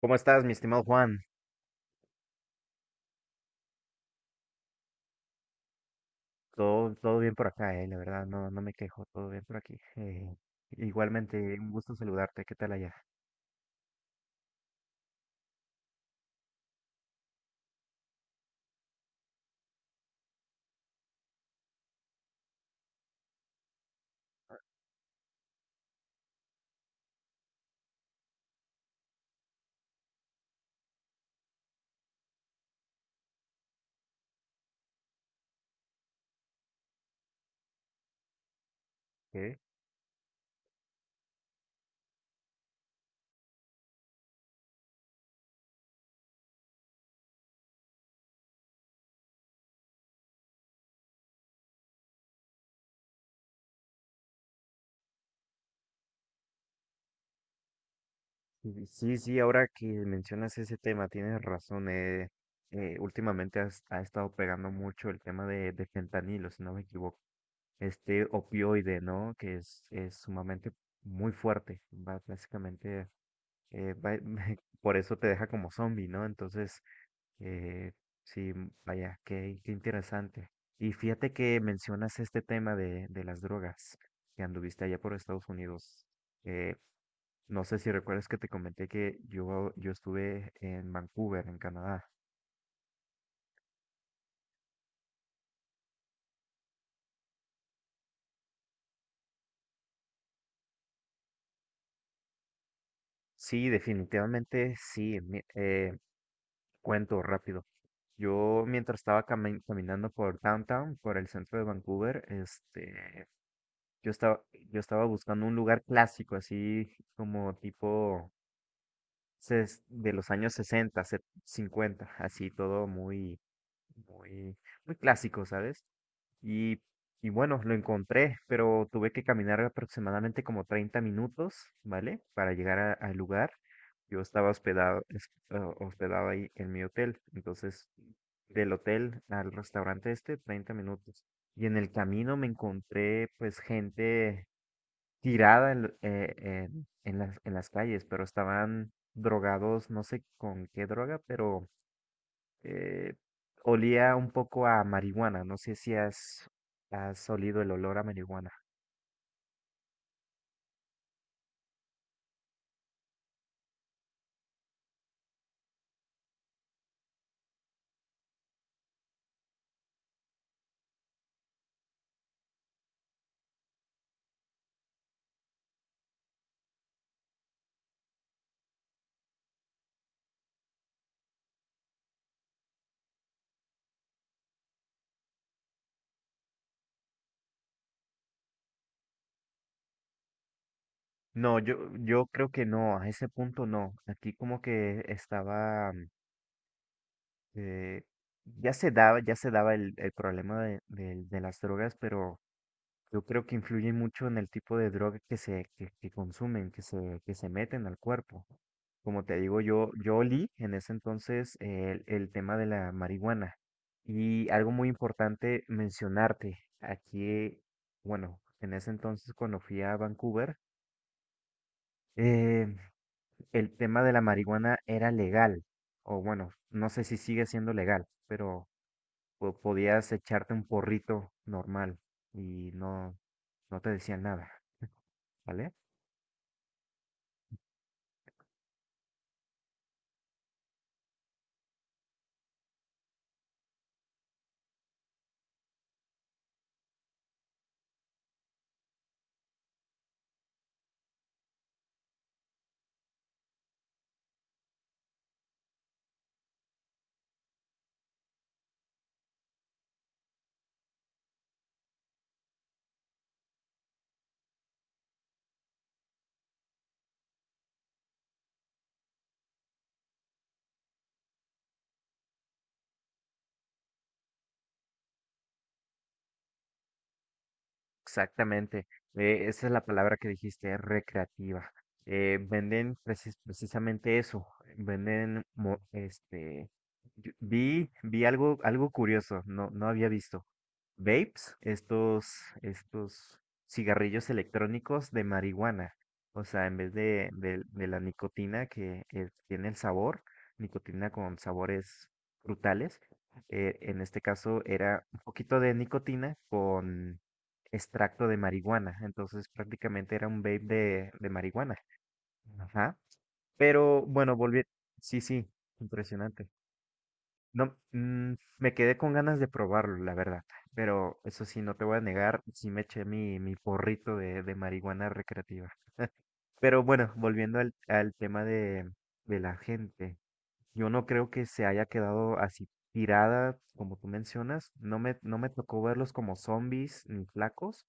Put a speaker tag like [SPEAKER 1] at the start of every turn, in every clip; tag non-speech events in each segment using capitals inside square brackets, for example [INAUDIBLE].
[SPEAKER 1] ¿Cómo estás, mi estimado Juan? Todo bien por acá, la verdad, no, no me quejo, todo bien por aquí. Igualmente, un gusto saludarte, ¿qué tal allá? ¿Eh? Sí, sí, sí, ahora que mencionas ese tema, tienes razón, últimamente ha estado pegando mucho el tema de fentanilo, si no me equivoco. Este opioide, ¿no? Que es sumamente muy fuerte, va básicamente eh, va- [LAUGHS] por eso te deja como zombie, ¿no? Entonces, Eh, sí, vaya, qué interesante. Y fíjate que mencionas este tema de las drogas, que anduviste allá por Estados Unidos. Eh, no sé si recuerdas que te comenté que yo estuve en Vancouver, en Canadá. Sí, definitivamente sí. mi- cuento rápido. Yo mientras estaba caminando por downtown, por el centro de Vancouver, este, yo estaba, yo estaba buscando un lugar clásico, así como tipo de los años 60, 50, así todo muy, muy, muy clásico, ¿sabes? Y, y bueno, lo encontré, pero tuve que caminar aproximadamente como 30 minutos, ¿vale? Para llegar al lugar. Yo estaba hospedado, hospedado ahí en mi hotel, entonces del hotel al restaurante este, 30 minutos. Y en el camino me encontré pues gente tirada en las calles, pero estaban drogados, no sé con qué droga, pero eh, olía un poco a marihuana. No sé si has olido el olor a marihuana. No, yo creo que no, a ese punto no. Aquí como que estaba, eh, ya se daba el problema de las drogas, pero yo creo que influye mucho en el tipo de droga que consumen, que se meten al cuerpo. Como te digo, yo olí en ese entonces el tema de la marihuana. Y algo muy importante mencionarte, aquí, bueno, en ese entonces cuando fui a Vancouver, eh, el tema de la marihuana era legal, o bueno, no sé si sigue siendo legal, pero podías echarte un porrito normal y no, no te decían nada. ¿Vale? Exactamente. Esa es la palabra que dijiste, recreativa. Venden precisamente eso. Venden, este, vi algo, curioso, no, no había visto. Vapes, estos cigarrillos electrónicos de marihuana. O sea, en vez de la nicotina que tiene el sabor, nicotina con sabores frutales, en este caso era un poquito de nicotina con extracto de marihuana. Entonces prácticamente era un vape de marihuana. Ajá. Pero bueno, volví. Sí, sí, impresionante. No, me quedé con ganas de probarlo, la verdad. Pero eso sí, no te voy a negar, sí me eché mi porrito de marihuana recreativa. Pero bueno, volviendo al tema de la gente, yo no creo que se haya quedado así tirada, como tú mencionas. No me tocó verlos como zombies ni flacos.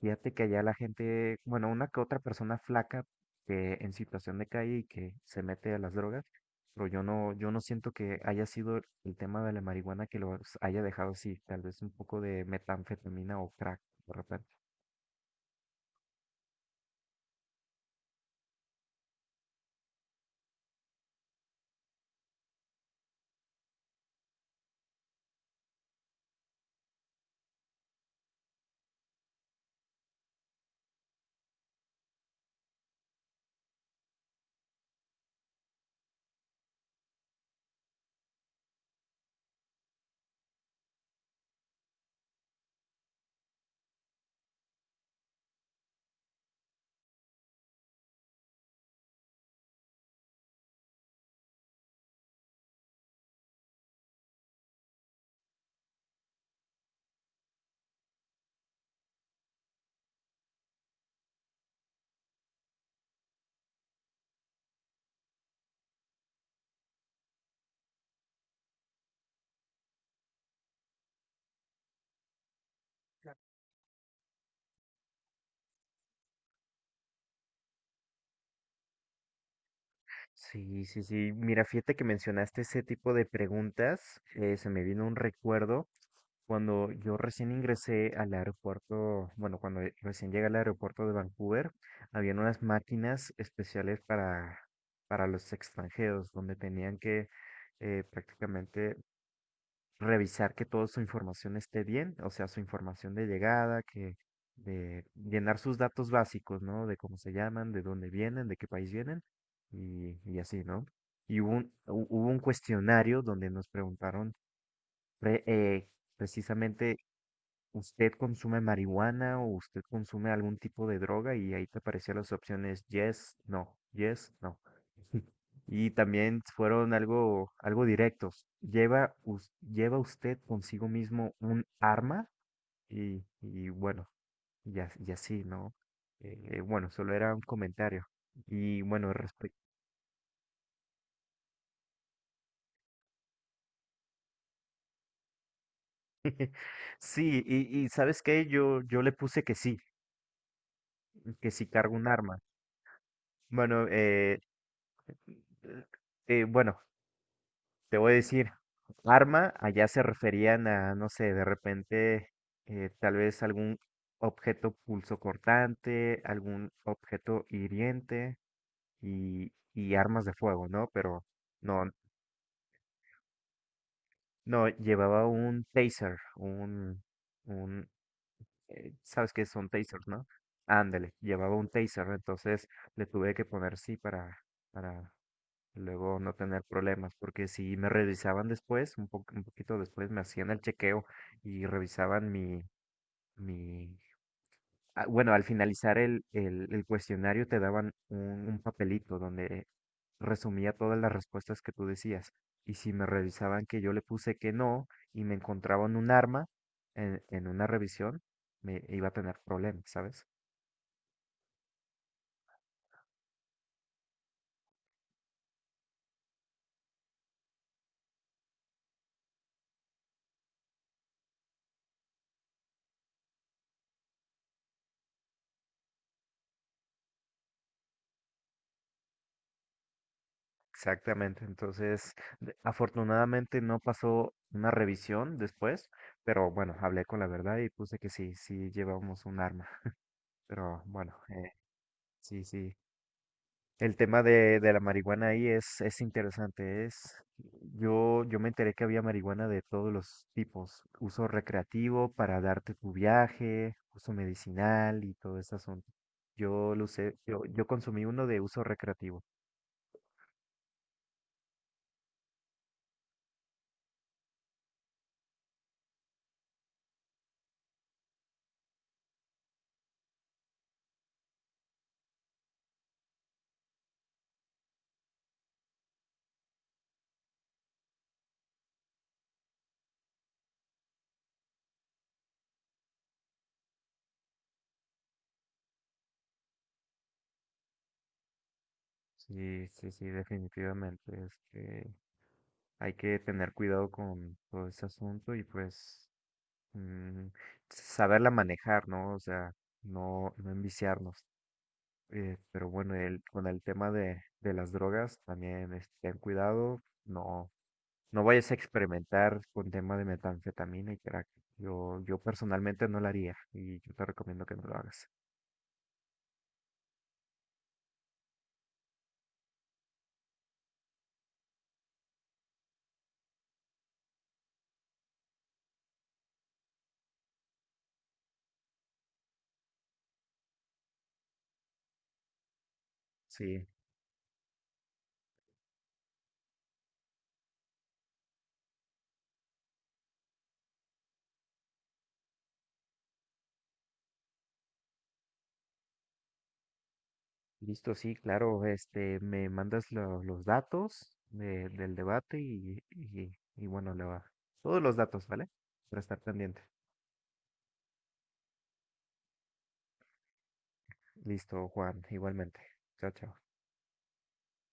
[SPEAKER 1] Fíjate que allá la gente, bueno, una que otra persona flaca que en situación de calle y que se mete a las drogas, pero yo no siento que haya sido el tema de la marihuana que los haya dejado así, tal vez un poco de metanfetamina o crack, de repente. Sí, sí, sí. Mira, fíjate que mencionaste ese tipo de preguntas. Se me vino un recuerdo cuando yo recién ingresé al aeropuerto, bueno, cuando recién llegué al aeropuerto de Vancouver. Habían unas máquinas especiales para, los extranjeros, donde tenían que prácticamente revisar que toda su información esté bien, o sea, su información de llegada, que de llenar sus datos básicos, ¿no? De cómo se llaman, de dónde vienen, de qué país vienen y así, ¿no? Y hubo un cuestionario donde nos preguntaron pre- eh, precisamente, ¿usted consume marihuana o usted consume algún tipo de droga? Y ahí te aparecían las opciones yes, no, yes, no. Y también fueron algo directos. Lleva usted consigo mismo un arma y bueno, y así, ¿no? Bueno, solo era un comentario. Y bueno, respecto. [LAUGHS] Sí, y ¿sabes qué? Yo le puse que sí cargo un arma. Bueno, eh, bueno, te voy a decir, arma, allá se referían a, no sé, de repente, tal vez algún objeto pulso cortante, algún objeto hiriente y armas de fuego, ¿no? Pero no, no, llevaba un taser, un, sabes qué son tasers, no? Ándale, llevaba un taser, entonces le tuve que poner sí para, luego no tener problemas, porque si me revisaban después, un poquito después me hacían el chequeo y revisaban mi, ah, bueno, al finalizar el cuestionario te daban un papelito donde resumía todas las respuestas que tú decías. Y si me revisaban que yo le puse que no y me encontraban un arma en una revisión, me iba a tener problemas, ¿sabes? Exactamente, entonces afortunadamente no pasó una revisión después, pero bueno, hablé con la verdad y puse que sí, sí llevamos un arma, pero bueno, sí, sí. El tema de la marihuana ahí es interesante, yo me enteré que había marihuana de todos los tipos, uso recreativo para darte tu viaje, uso medicinal y todo ese asunto. Yo lo usé, yo consumí uno de uso recreativo. Sí, sí, sí, definitivamente. Este, hay que tener cuidado con todo ese asunto y pues mm, saberla manejar, ¿no? O sea, no, no enviciarnos. Pero bueno, con el tema de las drogas, también ten cuidado, no, no vayas a experimentar con tema de metanfetamina y crack. Yo personalmente no lo haría y yo te recomiendo que no lo hagas. Sí, listo, sí, claro. Este, me mandas los datos del debate y bueno, le va. Todos los datos, ¿vale? Para estar pendiente. Listo, Juan, igualmente. Chao, chao.